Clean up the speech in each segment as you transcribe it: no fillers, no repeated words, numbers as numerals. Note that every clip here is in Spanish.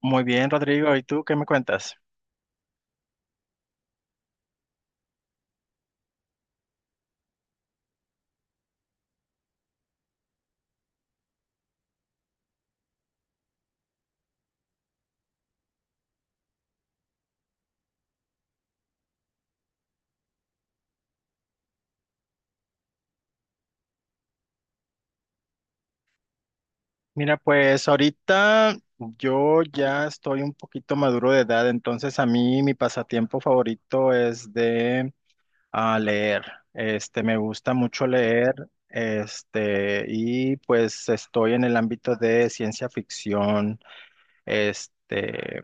Muy bien, Rodrigo. ¿Y tú qué me cuentas? Mira, pues ahorita yo ya estoy un poquito maduro de edad, entonces a mí mi pasatiempo favorito es de leer. Me gusta mucho leer. Y pues estoy en el ámbito de ciencia ficción. Este,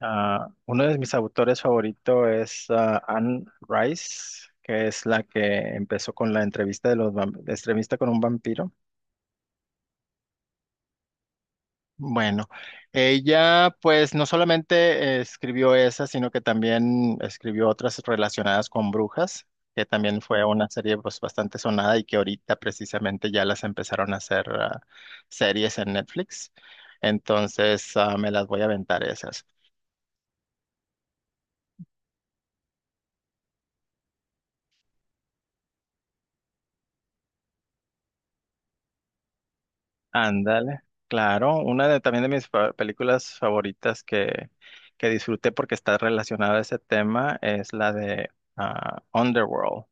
Uno de mis autores favoritos es Anne Rice, que es la que empezó con la entrevista de los vamp- entrevista con un vampiro. Bueno, ella pues no solamente escribió esa, sino que también escribió otras relacionadas con brujas, que también fue una serie pues bastante sonada y que ahorita precisamente ya las empezaron a hacer series en Netflix. Entonces me las voy a aventar esas. Ándale, claro, una de también de mis películas favoritas que disfruté porque está relacionada a ese tema es la de Underworld,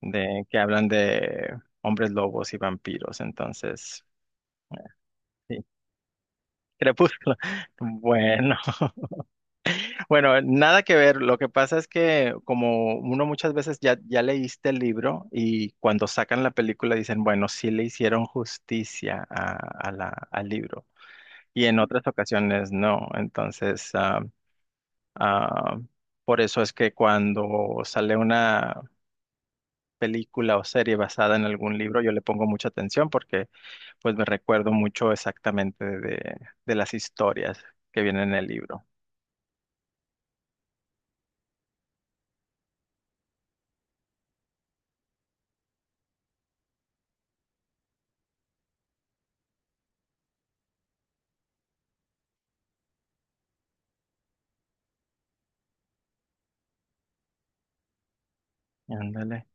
de que hablan de hombres lobos y vampiros. Entonces, sí, Crepúsculo. Bueno, bueno, nada que ver. Lo que pasa es que como uno muchas veces ya, ya leíste el libro, y cuando sacan la película dicen, bueno, sí le hicieron justicia al libro. Y en otras ocasiones no. Entonces, ah, por eso es que cuando sale una película o serie basada en algún libro, yo le pongo mucha atención, porque pues me recuerdo mucho exactamente de, las historias que vienen en el libro. Ándale.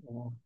Mm.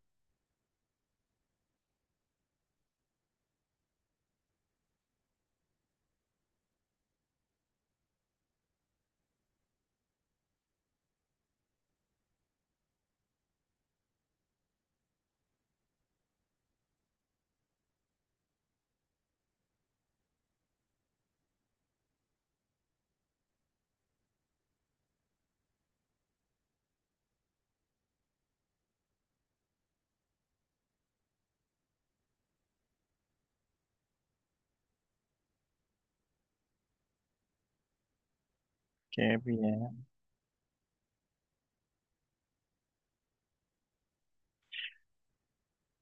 Qué bien.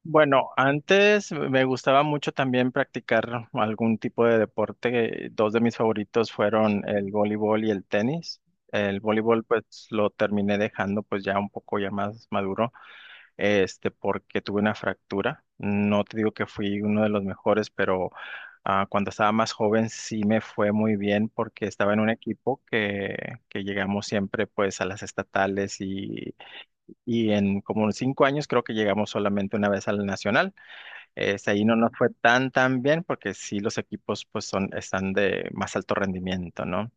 Bueno, antes me gustaba mucho también practicar algún tipo de deporte. Dos de mis favoritos fueron el voleibol y el tenis. El voleibol pues lo terminé dejando pues ya un poco ya más maduro, porque tuve una fractura. No te digo que fui uno de los mejores, pero cuando estaba más joven sí me fue muy bien, porque estaba en un equipo que llegamos siempre pues a las estatales, y en como unos 5 años creo que llegamos solamente una vez al nacional. Es, ahí no nos fue tan tan bien porque sí los equipos pues son, están de más alto rendimiento, ¿no?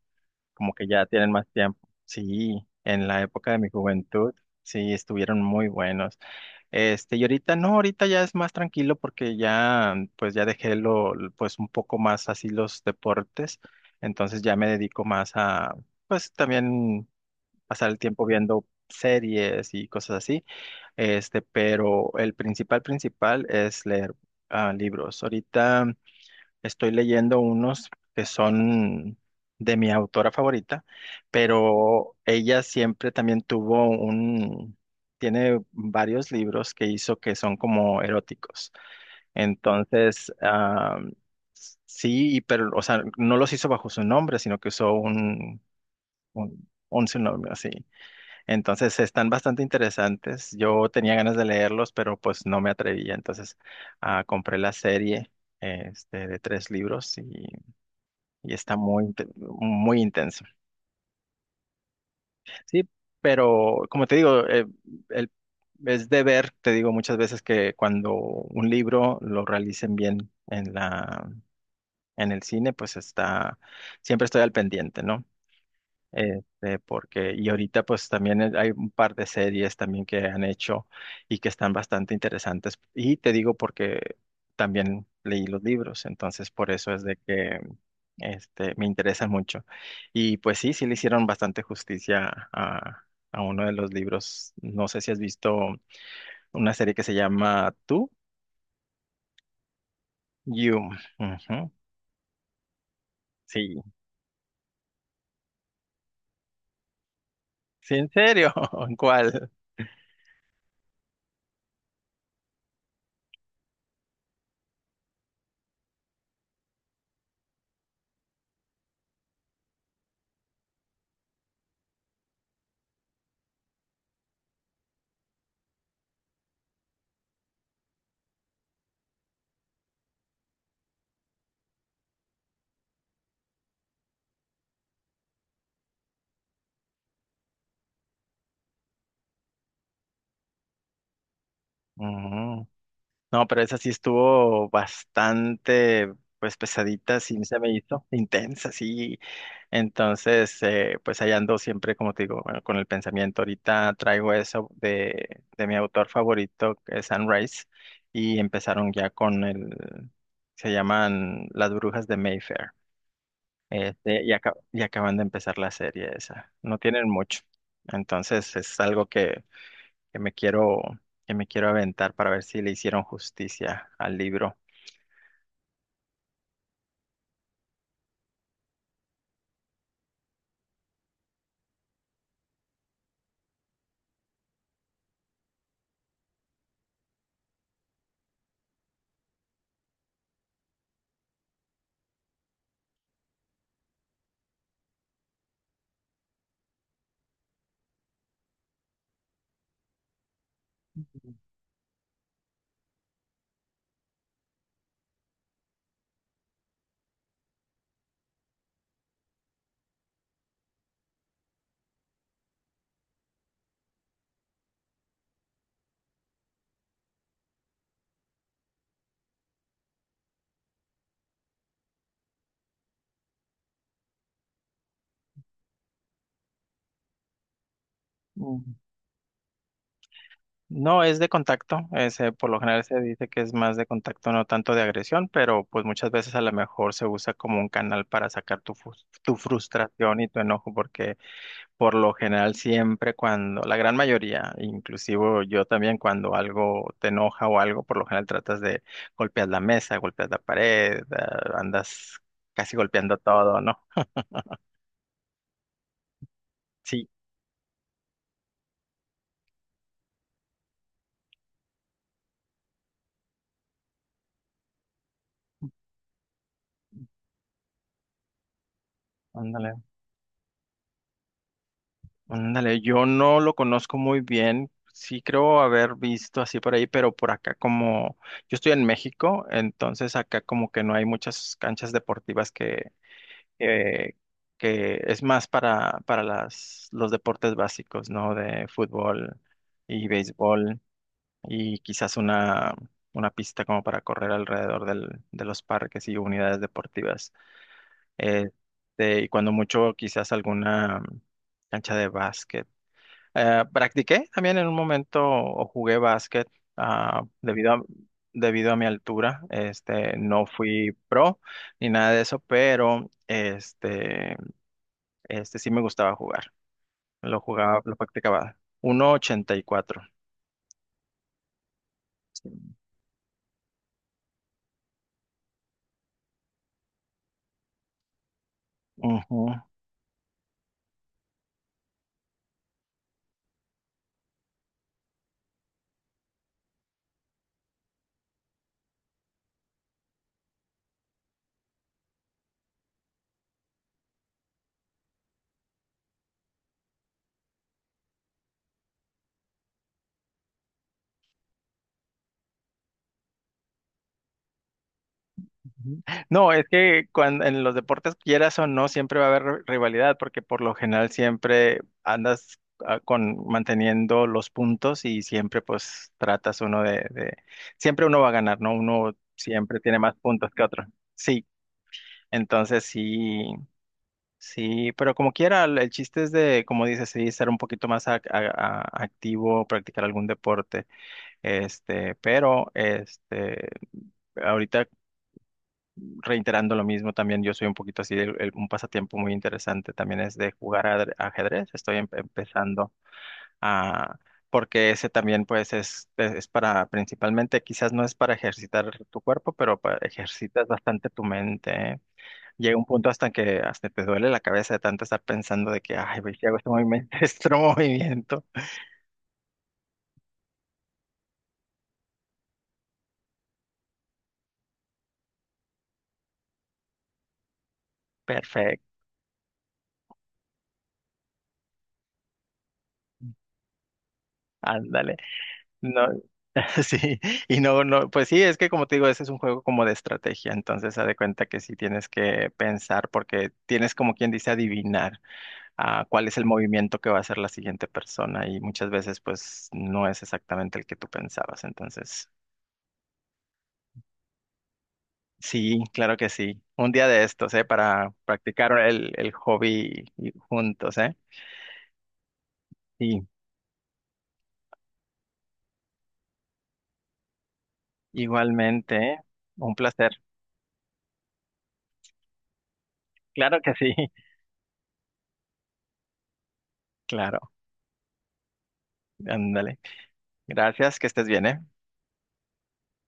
Como que ya tienen más tiempo. Sí, en la época de mi juventud sí estuvieron muy buenos. Y ahorita no, ahorita ya es más tranquilo porque ya, pues ya dejé pues un poco más así los deportes, entonces ya me dedico más a, pues también, pasar el tiempo viendo series y cosas así. Pero el principal, principal es leer libros. Ahorita estoy leyendo unos que son de mi autora favorita, pero ella siempre también tiene varios libros que hizo que son como eróticos. Entonces, sí. Y pero, o sea, no los hizo bajo su nombre, sino que usó un, seudónimo así. Entonces, están bastante interesantes. Yo tenía ganas de leerlos, pero pues no me atrevía. Entonces, compré la serie, de tres libros, y está muy, muy intenso. Sí, pero como te digo, el- es de ver. Te digo muchas veces que cuando un libro lo realicen bien en en el cine, pues siempre estoy al pendiente, ¿no? Y ahorita pues también hay un par de series también que han hecho y que están bastante interesantes. Y te digo porque también leí los libros, entonces por eso es de que, me interesa mucho. Y pues sí, sí le hicieron bastante justicia a, uno de los libros. No sé si has visto una serie que se llama Tú, You. Ujú. Sí, sí, en serio, ¿cuál? Ujú. No, pero esa sí estuvo bastante, pues pesadita, sí se me hizo, intensa, sí. Entonces, pues ahí ando siempre, como te digo, bueno, con el pensamiento. Ahorita traigo eso de mi autor favorito, que es Sunrise, y empezaron ya con se llaman Las Brujas de Mayfair. Y acaban de empezar la serie esa. No tienen mucho. Entonces, es algo que me quiero aventar para ver si le hicieron justicia al libro. Mm. No es de contacto, es, por lo general se dice que es más de contacto, no tanto de agresión, pero pues muchas veces a lo mejor se usa como un canal para sacar tu frustración y tu enojo, porque por lo general siempre cuando, la gran mayoría, inclusive yo también, cuando algo te enoja o algo, por lo general tratas de golpear la mesa, golpear la pared, andas casi golpeando todo, ¿no? Sí, ándale. Ándale, yo no lo conozco muy bien. Sí creo haber visto así por ahí, pero por acá, como yo estoy en México, entonces acá como que no hay muchas canchas deportivas eh, que es más para, los deportes básicos, ¿no? De fútbol y béisbol, y quizás una pista como para correr alrededor de los parques y unidades deportivas. Eh, y cuando mucho quizás alguna cancha de básquet. Practiqué también en un momento, o jugué básquet ah, debido a, debido a, mi altura. Este, no fui pro ni nada de eso, pero este sí me gustaba jugar. Lo jugaba, lo practicaba. 1.84. Ujú. Ujú. No, es que cuando, en los deportes, quieras o no, siempre va a haber rivalidad, porque por lo general siempre andas con manteniendo los puntos, y siempre pues tratas uno de, siempre uno va a ganar, ¿no? Uno siempre tiene más puntos que otro. Sí, entonces sí, sí, pero como quiera, el chiste es de, como dices, sí, ser un poquito más activo, practicar algún deporte, este, pero este. Ahorita, reiterando lo mismo, también yo soy un poquito así, un pasatiempo muy interesante también es de jugar ajedrez. Estoy empezando a, porque ese también pues es, para, principalmente, quizás no es para ejercitar tu cuerpo, pero ejercitas bastante tu mente, ¿eh? Llega un punto hasta que hasta te duele la cabeza de tanto estar pensando de que, ay, güey, si hago este movimiento, este otro movimiento, perfecto, ándale. No, sí. Y no, no, pues sí, es que como te digo, ese es un juego como de estrategia, entonces haz de cuenta que sí tienes que pensar, porque tienes, como quien dice, adivinar cuál es el movimiento que va a hacer la siguiente persona, y muchas veces pues no es exactamente el que tú pensabas. Entonces sí, claro que sí, un día de estos, ¿eh? Para practicar el hobby juntos, ¿eh? Sí, igualmente, ¿eh? Un placer, claro que sí, claro, ándale, gracias, que estés bien, ¿eh?